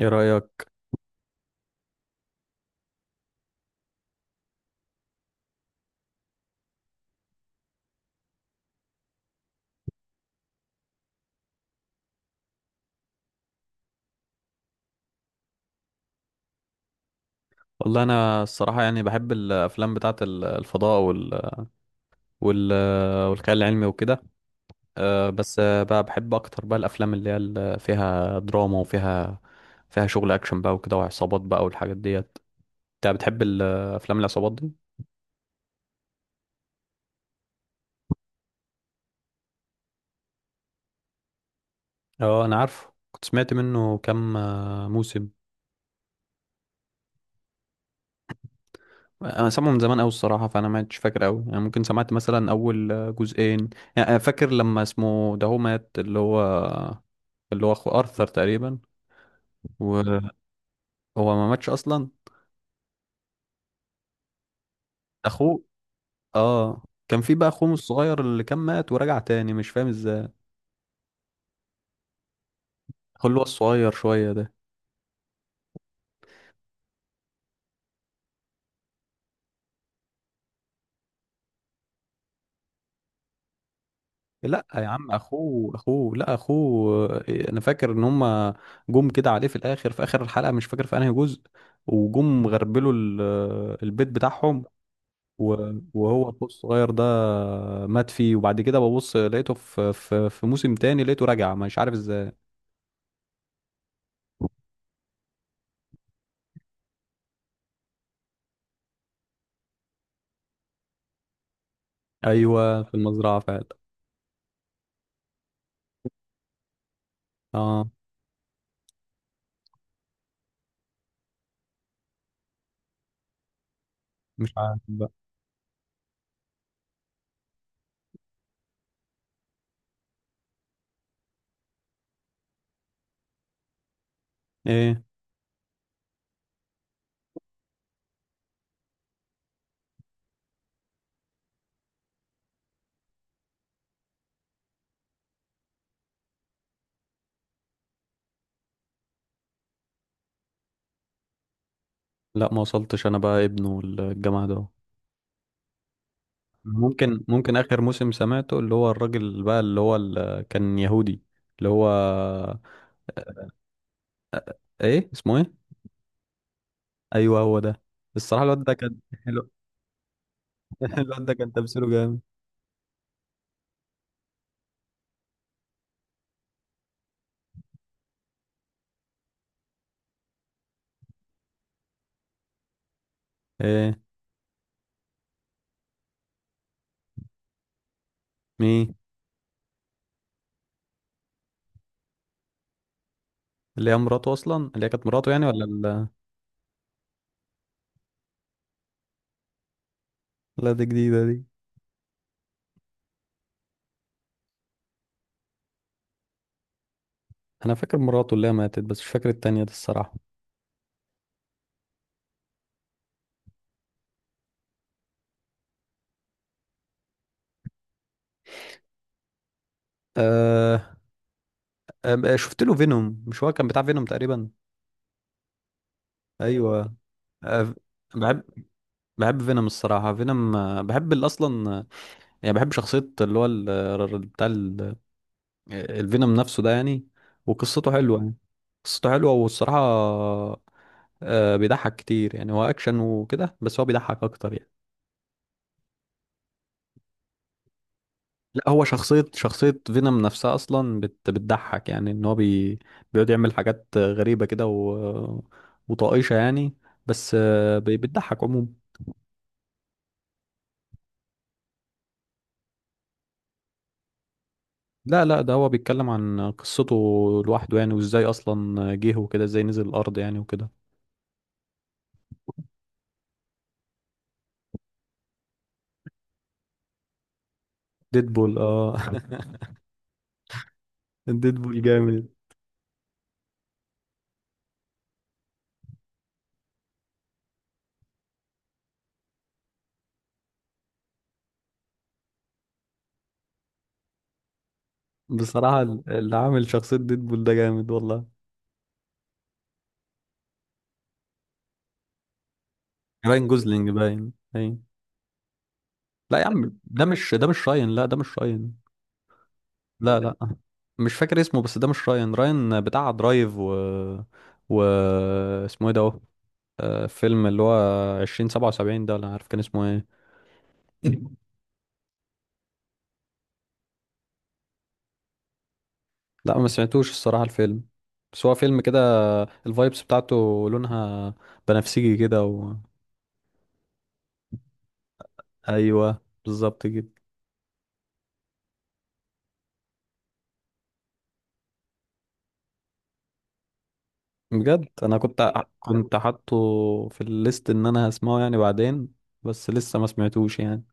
ايه رأيك؟ والله انا الصراحة يعني بحب الافلام بتاعة الفضاء وال... والخيال العلمي وكده. بس بقى بحب اكتر بقى الافلام اللي هي فيها دراما وفيها شغل اكشن بقى وكده وعصابات بقى والحاجات ديت. انت بتحب افلام العصابات دي؟ اه، انا عارفه، كنت سمعت منه كام موسم. انا سامعه من زمان قوي الصراحة، فانا ما عدتش فاكر قوي يعني، ممكن سمعت مثلا اول جزئين. يعني أنا فاكر لما اسمه ده هو مات، اللي هو اخو ارثر تقريبا. هو ما ماتش اصلا اخوه؟ اه. كان في بقى اخوه الصغير اللي كان مات ورجع تاني، مش فاهم ازاي. اخوه اللي هو الصغير شويه ده. لا يا عم، اخوه اخوه، لا اخوه. انا فاكر ان هما جم كده عليه في الاخر، في اخر الحلقه مش فاكر في انهي جزء، وجم غربلوا البيت بتاعهم. وهو اخوه الصغير ده مات فيه، وبعد كده ببص لقيته في موسم تاني لقيته رجع مش عارف ازاي. ايوه في المزرعه فعلا. اه. مش عارف بقى. ايه؟ لا ما وصلتش، انا بقى ابنه الجامعة ده. ممكن اخر موسم سمعته اللي هو الراجل بقى اللي هو كان يهودي. اللي هو. ايه اسمه؟ ايه؟ ايوه هو ده. الصراحة الواد ده كان. الو- الواد ده كان تمثيله جامد. ايه؟ مين؟ اللي هي مراته اصلا، اللي هي كانت مراته يعني، ولا لا دي جديدة دي. انا فاكر مراته اللي هي ماتت، بس مش فاكر التانية دي الصراحة. أه... شفت له فينوم، مش هو كان بتاع فينوم تقريبا؟ ايوه. أه... بحب بحب فينوم الصراحة. فينوم بحب اصلا يعني، بحب شخصية اللي هو بتاع الفينوم نفسه ده يعني. وقصته حلوة يعني. قصته حلوة والصراحة بيضحك كتير يعني، هو أكشن وكده بس هو بيضحك أكتر يعني. لا، هو شخصية فينوم نفسها أصلا بتضحك يعني، إن هو بيقعد يعمل حاجات غريبة كده وطائشة يعني. بس بتضحك عموما. لا لا، ده هو بيتكلم عن قصته لوحده يعني، وإزاي أصلا جه وكده، إزاي نزل الأرض يعني وكده. ديدبول اه ديدبول جامد. بصراحة اللي عامل شخصية ديدبول ده جامد والله. راين جوزلينج، باين باين. لا يا عم، ده مش راين، لا ده مش راين. لا لا. مش فاكر اسمه، بس ده مش راين. راين بتاع درايف و اسمه ايه ده اهو؟ فيلم اللي هو 2077 ده، ولا عارف كان اسمه ايه. لا ما سمعتوش الصراحة الفيلم، بس هو فيلم كده الفايبس بتاعته لونها بنفسجي كده ايوه بالظبط كده. بجد انا كنت كنت حاطه في الليست ان انا هسمعه يعني بعدين، بس لسه ما سمعتوش يعني.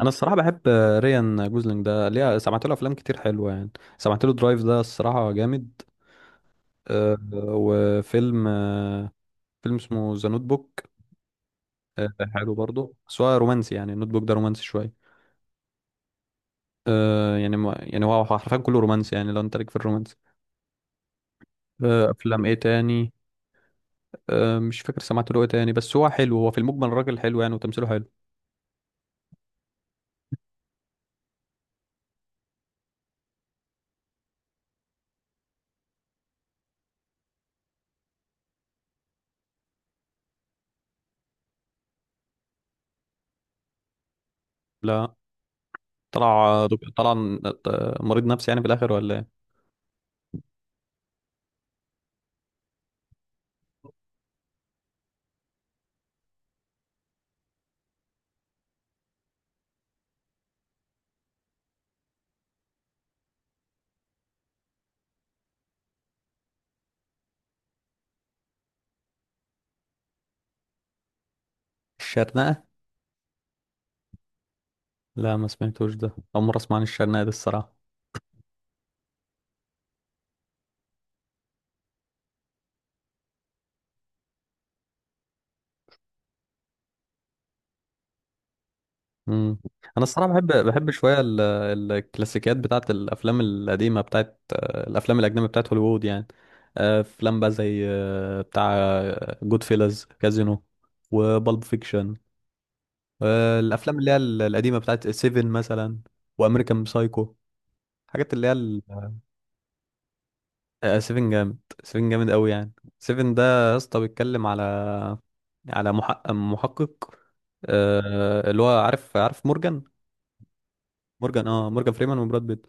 انا الصراحه بحب ريان جوزلينج ده، ليه؟ سمعت له افلام كتير حلوه يعني. سمعت له درايف ده الصراحه جامد. وفيلم فيلم اسمه ذا نوت بوك. أه حلو برضه بس هو رومانسي يعني، النوت بوك ده رومانسي شويه. يعني، ما يعني هو حرفيا كله رومانسي يعني، لو انت ليك في الرومانسي. افلام ايه تاني؟ مش فاكر سمعت له ايه تاني، بس هو حلو، هو في المجمل الراجل حلو يعني، وتمثيله حلو. لا. طلع دك- طلع ن- مريض نفسي يعني في الاخر ولا ايه؟ الشرنقه؟ لا ما سمعتوش، ده اول مره اسمع عن الشرنقه دي الصراحه. امم. انا الصراحه بحب شويه الكلاسيكيات بتاعت الافلام القديمه، بتاعت الافلام الاجنبيه بتاعت هوليوود يعني. افلام بقى زي بتاع جود فيلز، كازينو، وبالب فيكشن، الافلام اللي هي القديمه، بتاعت سيفن مثلا، وامريكان سايكو، الحاجات اللي هي سيفن جامد، سيفن جامد قوي يعني. سيفن ده يا اسطى بيتكلم على محقق، محقق اللي هو عارف، عارف مورجان. مورجان، اه، مورجان فريمان وبراد بيت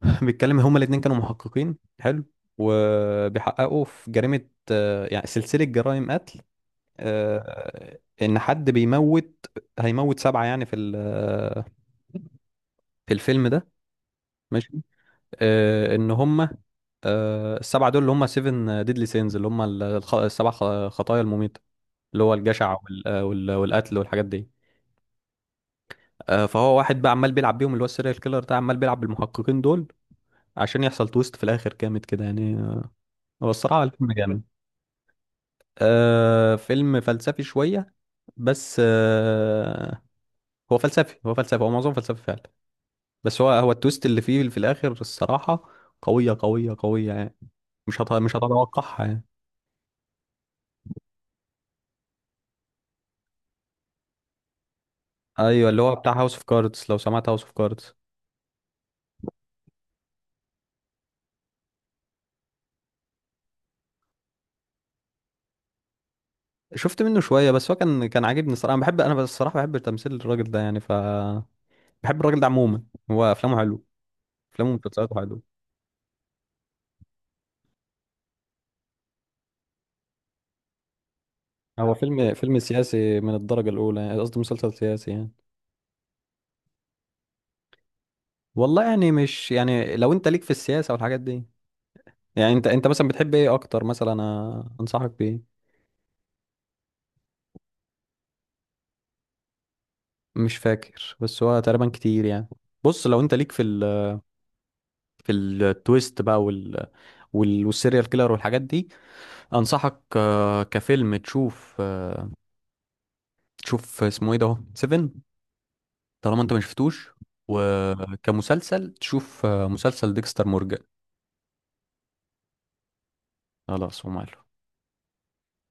بيتكلم هما الاتنين كانوا محققين حلو، وبيحققوا في جريمة، يعني سلسلة جرائم قتل، ان حد بيموت. هيموت سبعة يعني في في الفيلم ده. ماشي. ان هما السبعة دول اللي هم سيفن ديدلي سينز، اللي هم السبع خطايا المميتة، اللي هو الجشع والقتل والحاجات دي. فهو واحد بقى عمال بيلعب بيهم، اللي هو السيريال كيلر ده عمال بيلعب بالمحققين دول عشان يحصل تويست في الآخر جامد كده يعني. هو الصراحة الفيلم جامد. فيلم فلسفي شوية، بس آه، هو فلسفي، هو فلسفي، هو معظمه فلسفي فعلا. بس هو التويست اللي فيه في الآخر الصراحة قوية قوية قوية يعني، مش هتتوقعها يعني. ايوه اللي هو بتاع هاوس اوف كاردز، لو سمعت هاوس اوف كاردز. شفت منه شويه، بس هو كان عاجبني الصراحه. انا بحب، انا بس الصراحه بحب تمثيل الراجل ده يعني، بحب الراجل ده عموما. هو افلامه حلو، افلامه ومسلسلاته حلو. هو فيلم سياسي من الدرجه الاولى يعني، قصدي مسلسل سياسي يعني. والله يعني، مش يعني، لو انت ليك في السياسه والحاجات دي، يعني انت مثلا بتحب ايه اكتر مثلا انا انصحك بايه؟ مش فاكر، بس هو تقريبا كتير يعني. بص، لو انت ليك في في التويست بقى والسيريال كيلر والحاجات دي، انصحك كفيلم تشوف تشوف اسمه ايه ده اهو، 7، طالما انت ما شفتوش. وكمسلسل تشوف مسلسل ديكستر مورجان. خلاص وماله.